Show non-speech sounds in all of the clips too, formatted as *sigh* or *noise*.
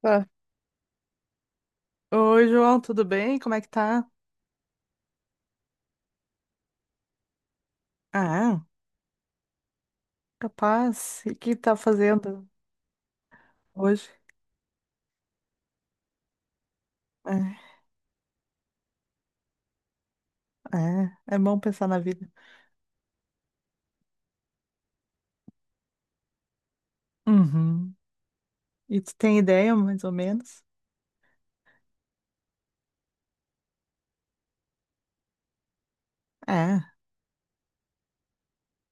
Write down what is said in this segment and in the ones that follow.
Tá. Oi, João, tudo bem? Como é que tá? Ah, capaz. E o que tá fazendo hoje? É, é bom pensar na vida. Uhum. E tu tem ideia, mais ou menos? É.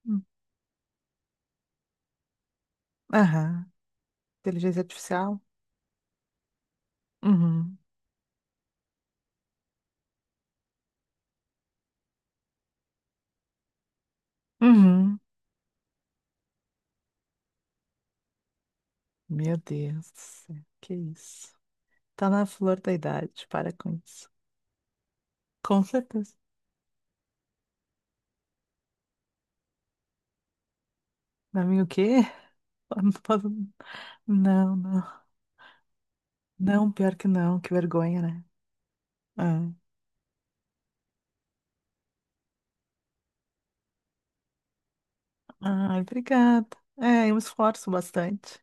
Hum. Aham. Inteligência artificial? Uhum. Uhum. Meu Deus do céu, que isso? Tá na flor da idade, para com isso. Com certeza. Pra mim, o quê? *laughs* Não, não. Não, pior que não, que vergonha, né? Ah. Ai, obrigada. É, eu me esforço bastante.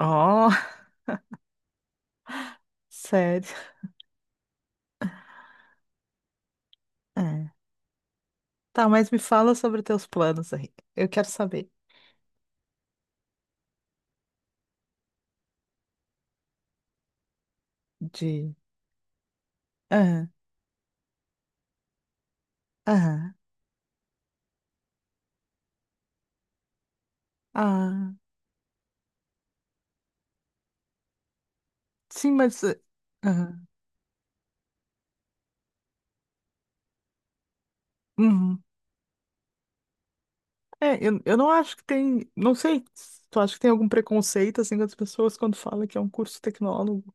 Oh, *laughs* sério. É. Tá, mas me fala sobre teus planos aí. Eu quero saber de. Aham, aham. Ah, sim, Aham. Uhum. É, eu não acho que tem. Não sei. Tu acha que tem algum preconceito assim das pessoas quando fala que é um curso tecnólogo?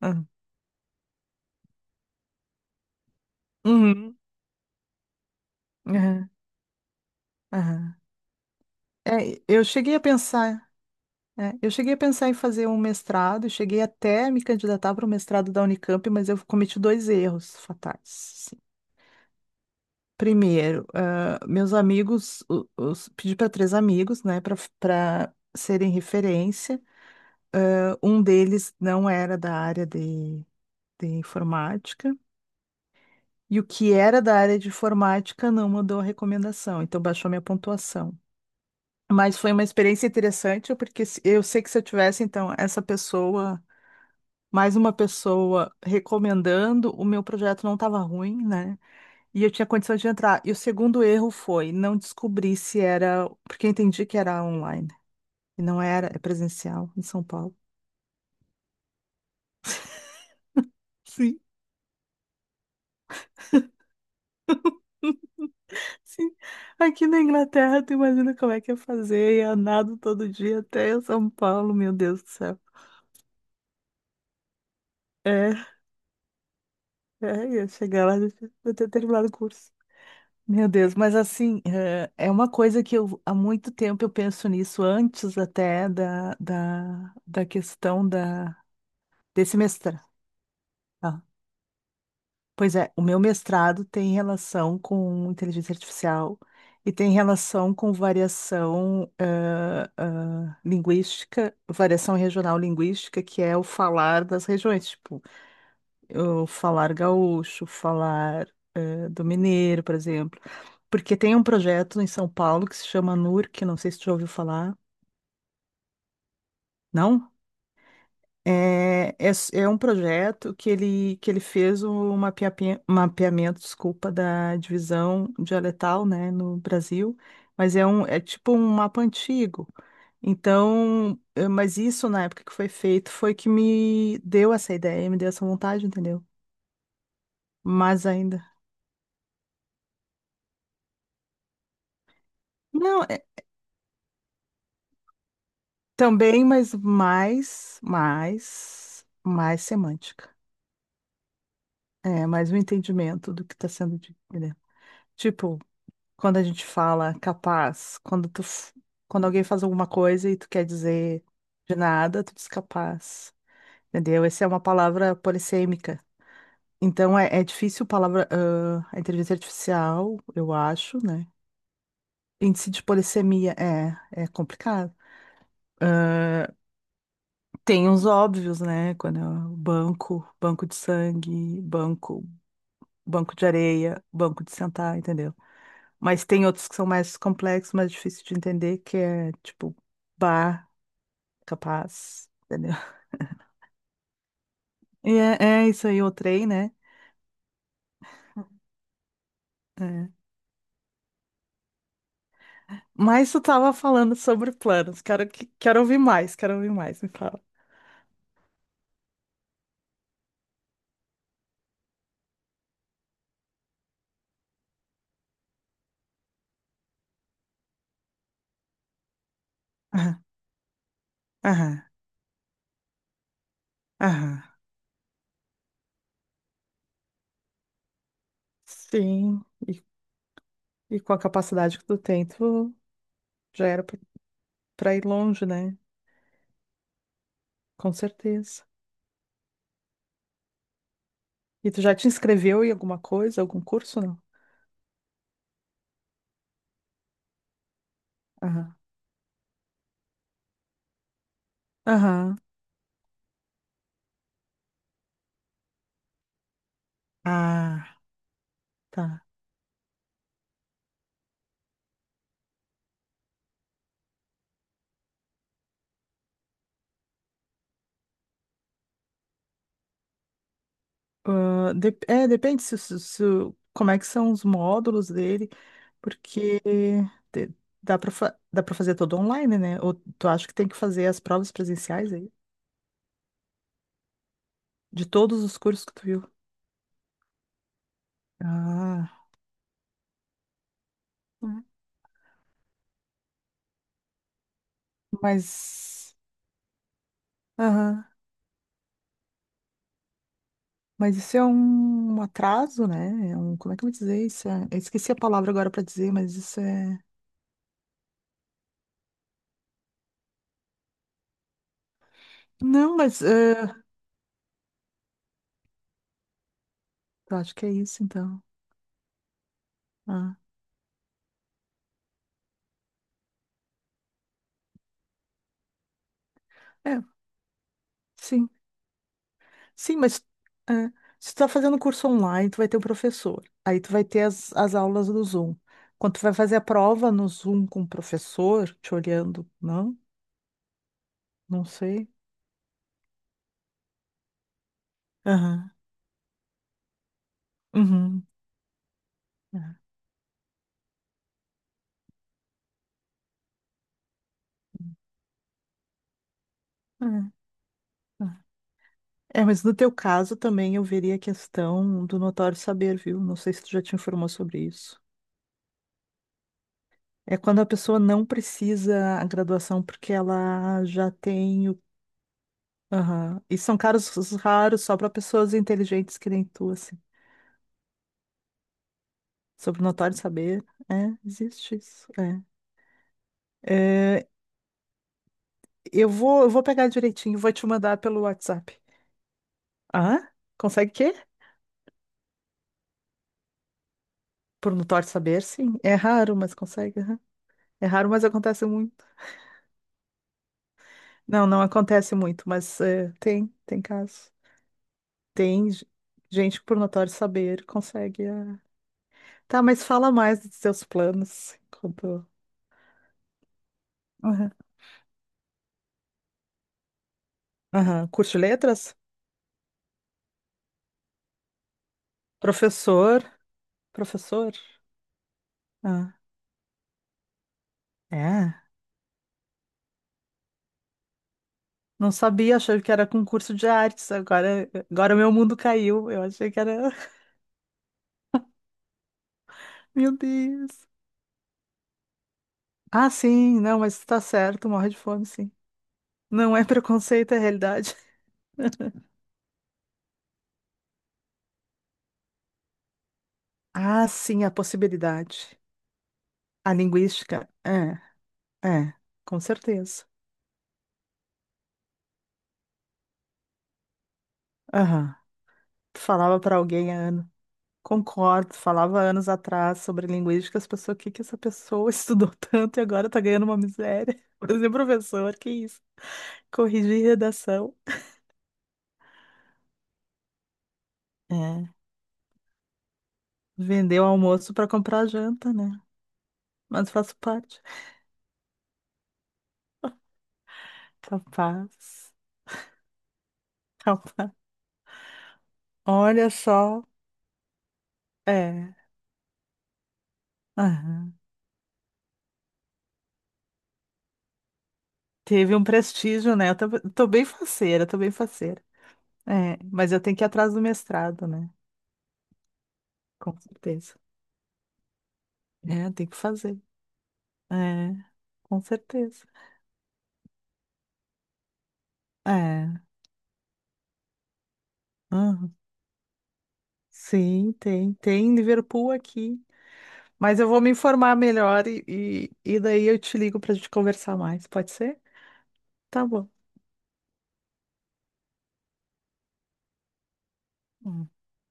Aham. Uhum. Aham. Aham. É, eu cheguei a pensar. É, eu cheguei a pensar em fazer um mestrado, cheguei até a me candidatar para o mestrado da Unicamp, mas eu cometi dois erros fatais. Assim. Primeiro, ah, meus amigos, pedi para três amigos, né, para serem referência. Ah, um deles não era da área de informática, e o que era da área de informática não mandou a recomendação, então baixou minha pontuação. Mas foi uma experiência interessante, porque eu sei que se eu tivesse, então, essa pessoa. Mais uma pessoa recomendando, o meu projeto não estava ruim, né? E eu tinha condições de entrar. E o segundo erro foi não descobrir se era, porque eu entendi que era online e não era, é presencial em São Paulo. Sim. *laughs* Sim, aqui na Inglaterra, tu imagina como é que é fazer, ia nado todo dia até São Paulo, meu Deus do céu. É, ia chegar lá, eu ter terminado o curso. Meu Deus, mas assim, é uma coisa que eu há muito tempo eu penso nisso, antes até da questão desse mestrado. Pois é, o meu mestrado tem relação com inteligência artificial e tem relação com variação linguística, variação regional linguística, que é o falar das regiões, tipo. O falar gaúcho, falar do mineiro, por exemplo. Porque tem um projeto em São Paulo que se chama NUR, que não sei se tu já ouviu falar, não? É um projeto que ele fez o mapeamento, desculpa, da divisão dialetal, né, no Brasil, mas é tipo um mapa antigo. Então, mas isso na época que foi feito foi que me deu essa ideia, me deu essa vontade, entendeu? Mas ainda. Não, também, mas mais semântica. É, mais um entendimento do que está sendo dito, né? Tipo, quando a gente fala capaz, quando quando alguém faz alguma coisa e tu quer dizer de nada, tu diz capaz. Entendeu? Essa é uma palavra polissêmica. Então é difícil palavra, ah, a inteligência artificial, eu acho, né? Índice de polissemia é complicado. Tem uns óbvios, né? Quando é o banco, banco de sangue, banco, banco de areia, banco de sentar, entendeu? Mas tem outros que são mais complexos, mais difíceis de entender, que é tipo bar, capaz, entendeu? E é, é isso aí, o trem, né? É. Mas tu tava falando sobre planos. Quero, quero ouvir mais, me fala. Aham, aham, aham. Sim, e, e com a capacidade que tu tem, tu já era pra ir longe, né? Com certeza. E tu já te inscreveu em alguma coisa, algum curso, não? Aham. Aham. Ah, tá. Ah, depende se como é que são os módulos dele, porque te- dá para dá para fazer todo online, né? Ou tu acha que tem que fazer as provas presenciais aí? De todos os cursos que tu viu. Ah, hum. Mas. Aham. Mas isso é um atraso, né? Como é que eu vou dizer isso? Eu esqueci a palavra agora para dizer, mas isso é. Não, eu acho que é isso, então. Ah, é, sim. Sim, mas é, se tu tá fazendo curso online, tu vai ter o professor. Aí tu vai ter as aulas do Zoom. Quando tu vai fazer a prova no Zoom com o professor, te olhando, não? Não sei. Aham. Uhum. É, é, é. É, mas no teu caso também eu veria a questão do notório saber, viu? Não sei se tu já te informou sobre isso. É quando a pessoa não precisa a graduação porque ela já tem o aham. E são caros raros só para pessoas inteligentes que nem tu, assim. Sobre o notório saber. É, existe isso. É. É, eu vou pegar direitinho, e vou te mandar pelo WhatsApp. Ah, consegue o quê? Por notório saber, sim. É raro, mas consegue, aham. É raro, mas acontece muito. Não, não acontece muito, mas tem, tem casos. Tem gente que por notório saber consegue, ah. Tá, mas fala mais dos seus planos. Enquanto... Aham. Aham. Curte letras? Professor. Professor? Ah, é. Não sabia, achei que era concurso de artes. Agora, agora meu mundo caiu. Eu achei que era. *laughs* Meu Deus. Ah, sim, não, mas tá certo, morre de fome, sim. Não é preconceito, é realidade. *laughs* Ah, sim, a possibilidade. A linguística, é, com certeza. Aham. Tu falava pra alguém há anos. Concordo, falava anos atrás sobre linguística, as pessoas, o que que essa pessoa *laughs* estudou tanto e agora tá ganhando uma miséria? *laughs* Por exemplo, professor, que isso? Corrigir redação. É, vender o almoço para comprar a janta, né? Mas faço parte. Capaz, capaz. Olha só, é, aham. Teve um prestígio, né? Eu tô bem faceira, tô bem faceira. É, mas eu tenho que ir atrás do mestrado, né? Com certeza. É, tem que fazer. É, com certeza. É. Aham. Sim, tem, tem Liverpool aqui. Mas eu vou me informar melhor e daí eu te ligo para a gente conversar mais, pode ser? Tá bom. Hum.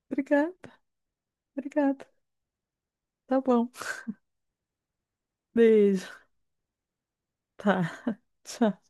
Obrigada, obrigada. Tá bom. Beijo. Tá. Tchau.